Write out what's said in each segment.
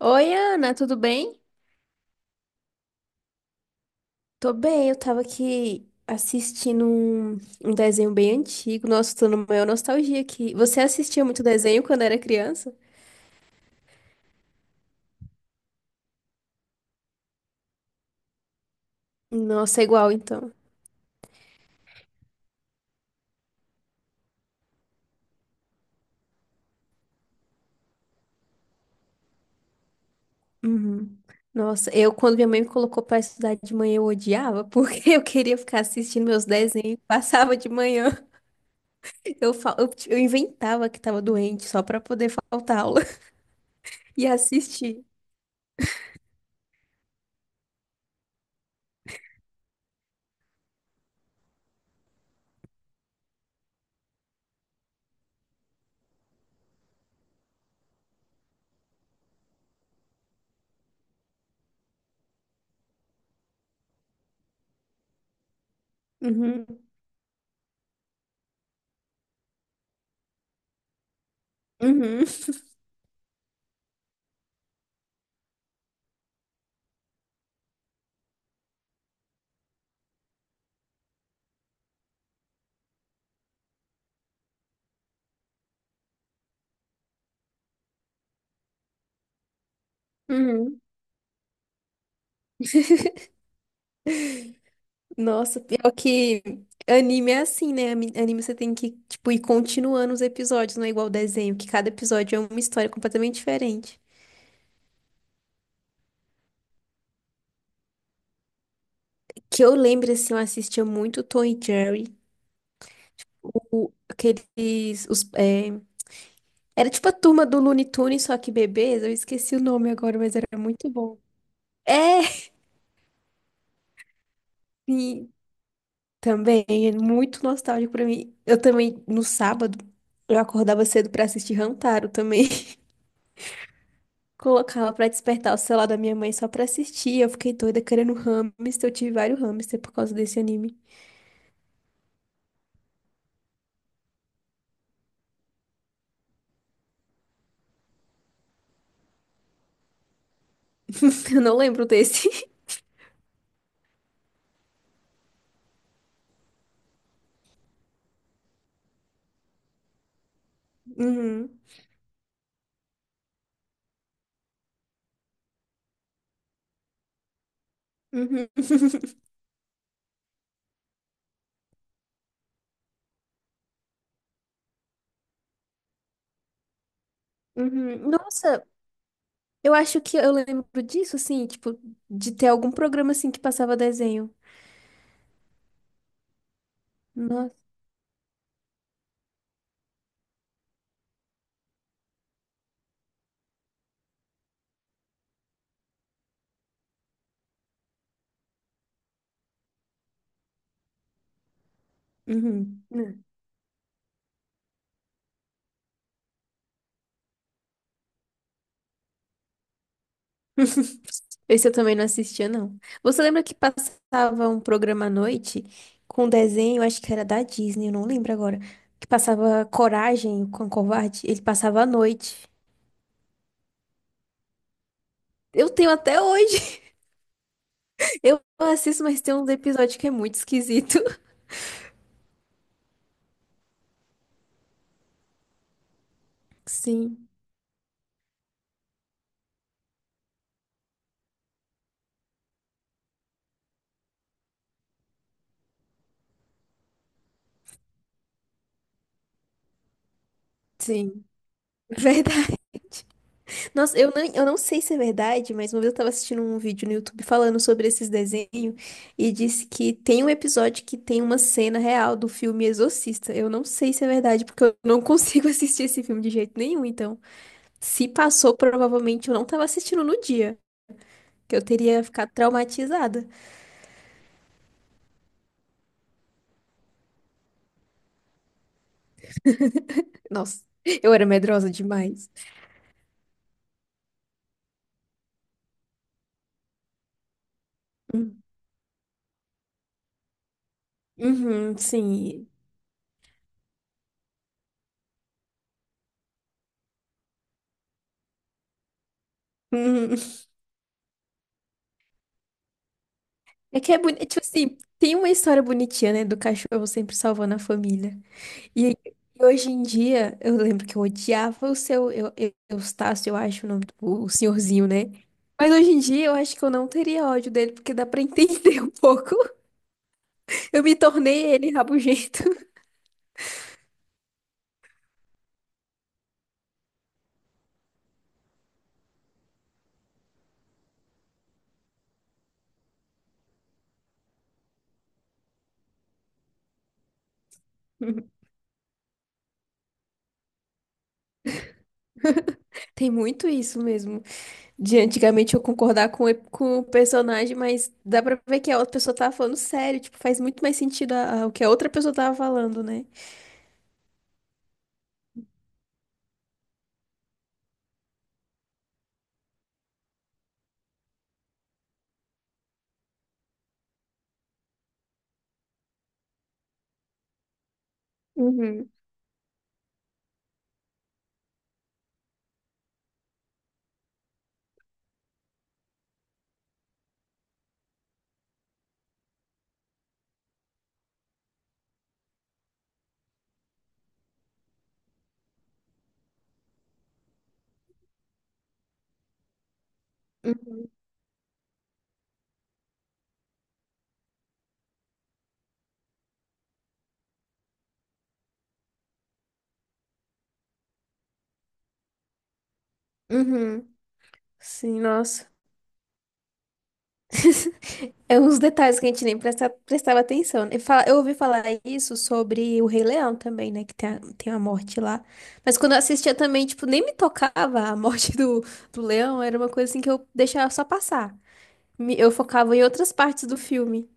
Oi, Ana, tudo bem? Tô bem, eu tava aqui assistindo um desenho bem antigo. Nossa, tô numa maior nostalgia aqui. Você assistia muito desenho quando era criança? Nossa, é igual então. Uhum. Nossa, eu quando minha mãe me colocou pra estudar de manhã, eu odiava, porque eu queria ficar assistindo meus desenhos, passava de manhã. Eu inventava que tava doente só pra poder faltar aula e assistir. Uhum, uhum, uhum. Nossa, pior que anime é assim, né? Anime você tem que, tipo, ir continuando os episódios, não é igual desenho, que cada episódio é uma história completamente diferente. Que eu lembro, assim, eu assistia muito Tom e Jerry, o, aqueles, os, é, era tipo a turma do Looney Tunes, só que bebês, eu esqueci o nome agora, mas era muito bom. É, e também, é muito nostálgico pra mim. Eu também, no sábado, eu acordava cedo pra assistir Rantaro também. Colocava pra despertar o celular da minha mãe só pra assistir. Eu fiquei doida querendo hamster. Eu tive vários hamster por causa desse anime. Eu não lembro desse. Uhum, uhum, uhum. Nossa, eu acho que eu lembro disso, assim, tipo, de ter algum programa assim que passava desenho. Nossa. Uhum. Uhum. Esse eu também não assistia, não. Você lembra que passava um programa à noite com desenho, acho que era da Disney, eu não lembro agora, que passava Coragem com o Covarde? Ele passava à noite. Eu tenho até hoje. Eu assisto, mas tem um episódio que é muito esquisito. Sim, sim. Verdade. Nossa, eu não sei se é verdade, mas uma vez eu tava assistindo um vídeo no YouTube falando sobre esses desenhos e disse que tem um episódio que tem uma cena real do filme Exorcista. Eu não sei se é verdade, porque eu não consigo assistir esse filme de jeito nenhum. Então, se passou, provavelmente eu não tava assistindo no dia, que eu teria ficado traumatizada. Nossa, eu era medrosa demais. Hum. Uhum, sim. Uhum. É que é bonito. Tipo assim, tem uma história bonitinha, né? Do cachorro sempre salvando a família. E aí, hoje em dia, eu lembro que eu odiava o seu Eustácio, eu acho o nome do o senhorzinho, né? Mas hoje em dia eu acho que eu não teria ódio dele, porque dá pra entender um pouco. Eu me tornei ele rabugento. Tem muito isso mesmo. De antigamente eu concordar com, com o personagem, mas dá pra ver que a outra pessoa tava falando sério. Tipo, faz muito mais sentido o que a outra pessoa tava falando, né? Uhum. Uhum. Uhum. Sim, nossa. É uns detalhes que a gente nem presta, prestava atenção, né? Eu ouvi falar isso sobre o Rei Leão também, né? Que tem a morte lá. Mas quando eu assistia também, tipo, nem me tocava do leão. Era uma coisa assim que eu deixava só passar. Eu focava em outras partes do filme.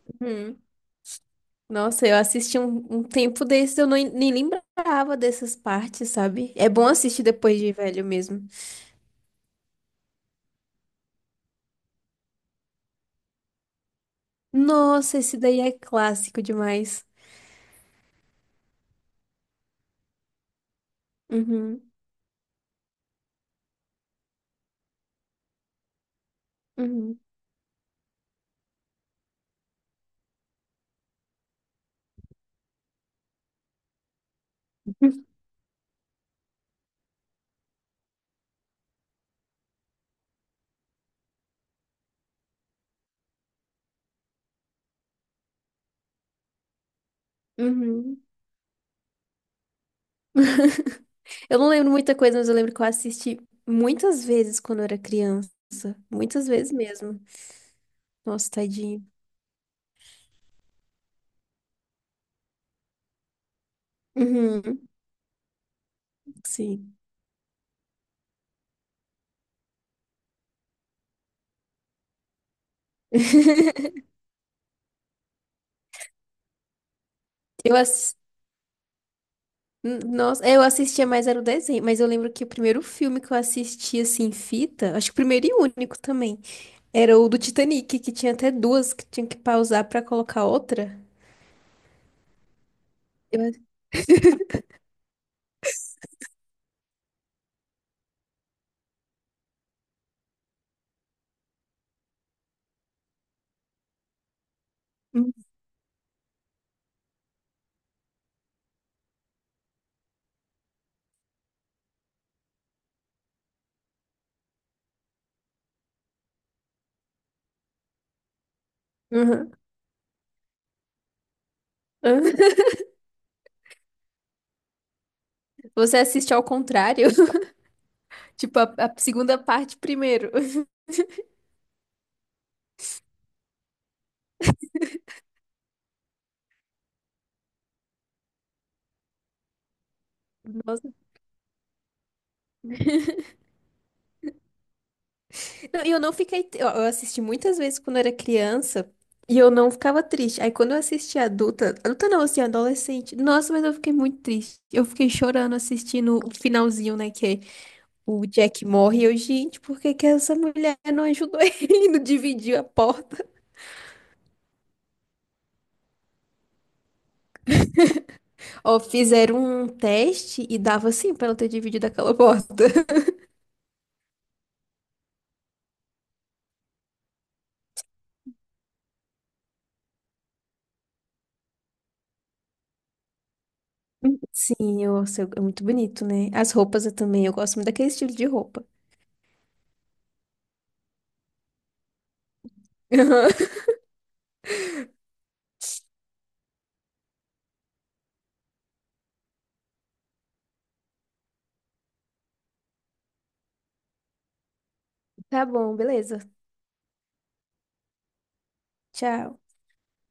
Nossa, eu assisti um tempo desses, eu não, nem lembrava dessas partes, sabe? É bom assistir depois de velho mesmo. Nossa, esse daí é clássico demais. Uhum, uhum, uhum. Eu não lembro muita coisa, mas eu lembro que eu assisti muitas vezes quando eu era criança. Muitas vezes mesmo. Nossa, tadinho. Uhum, sim. Eu assisti. Nossa, eu assistia mais era o desenho, mas eu lembro que o primeiro filme que eu assisti assim em fita, acho que o primeiro e único também, era o do Titanic, que tinha até duas que tinha que pausar pra colocar outra. Eu- Hum. Uhum. Você assiste ao contrário, tipo a segunda parte primeiro. Nossa. Não, e eu não fiquei, eu assisti muitas vezes quando era criança e eu não ficava triste. Aí quando eu assisti adulta, adulta não, assim, adolescente. Nossa, mas eu fiquei muito triste. Eu fiquei chorando assistindo o finalzinho, né, que é o Jack morre e eu, gente, por que que essa mulher não ajudou ele, não dividiu a porta? Ó, fizeram um teste e dava assim pra ela ter dividido aquela porta. Sim, eu é muito bonito, né? As roupas eu também, eu gosto muito daquele estilo de roupa. Tá bom, beleza. Tchau.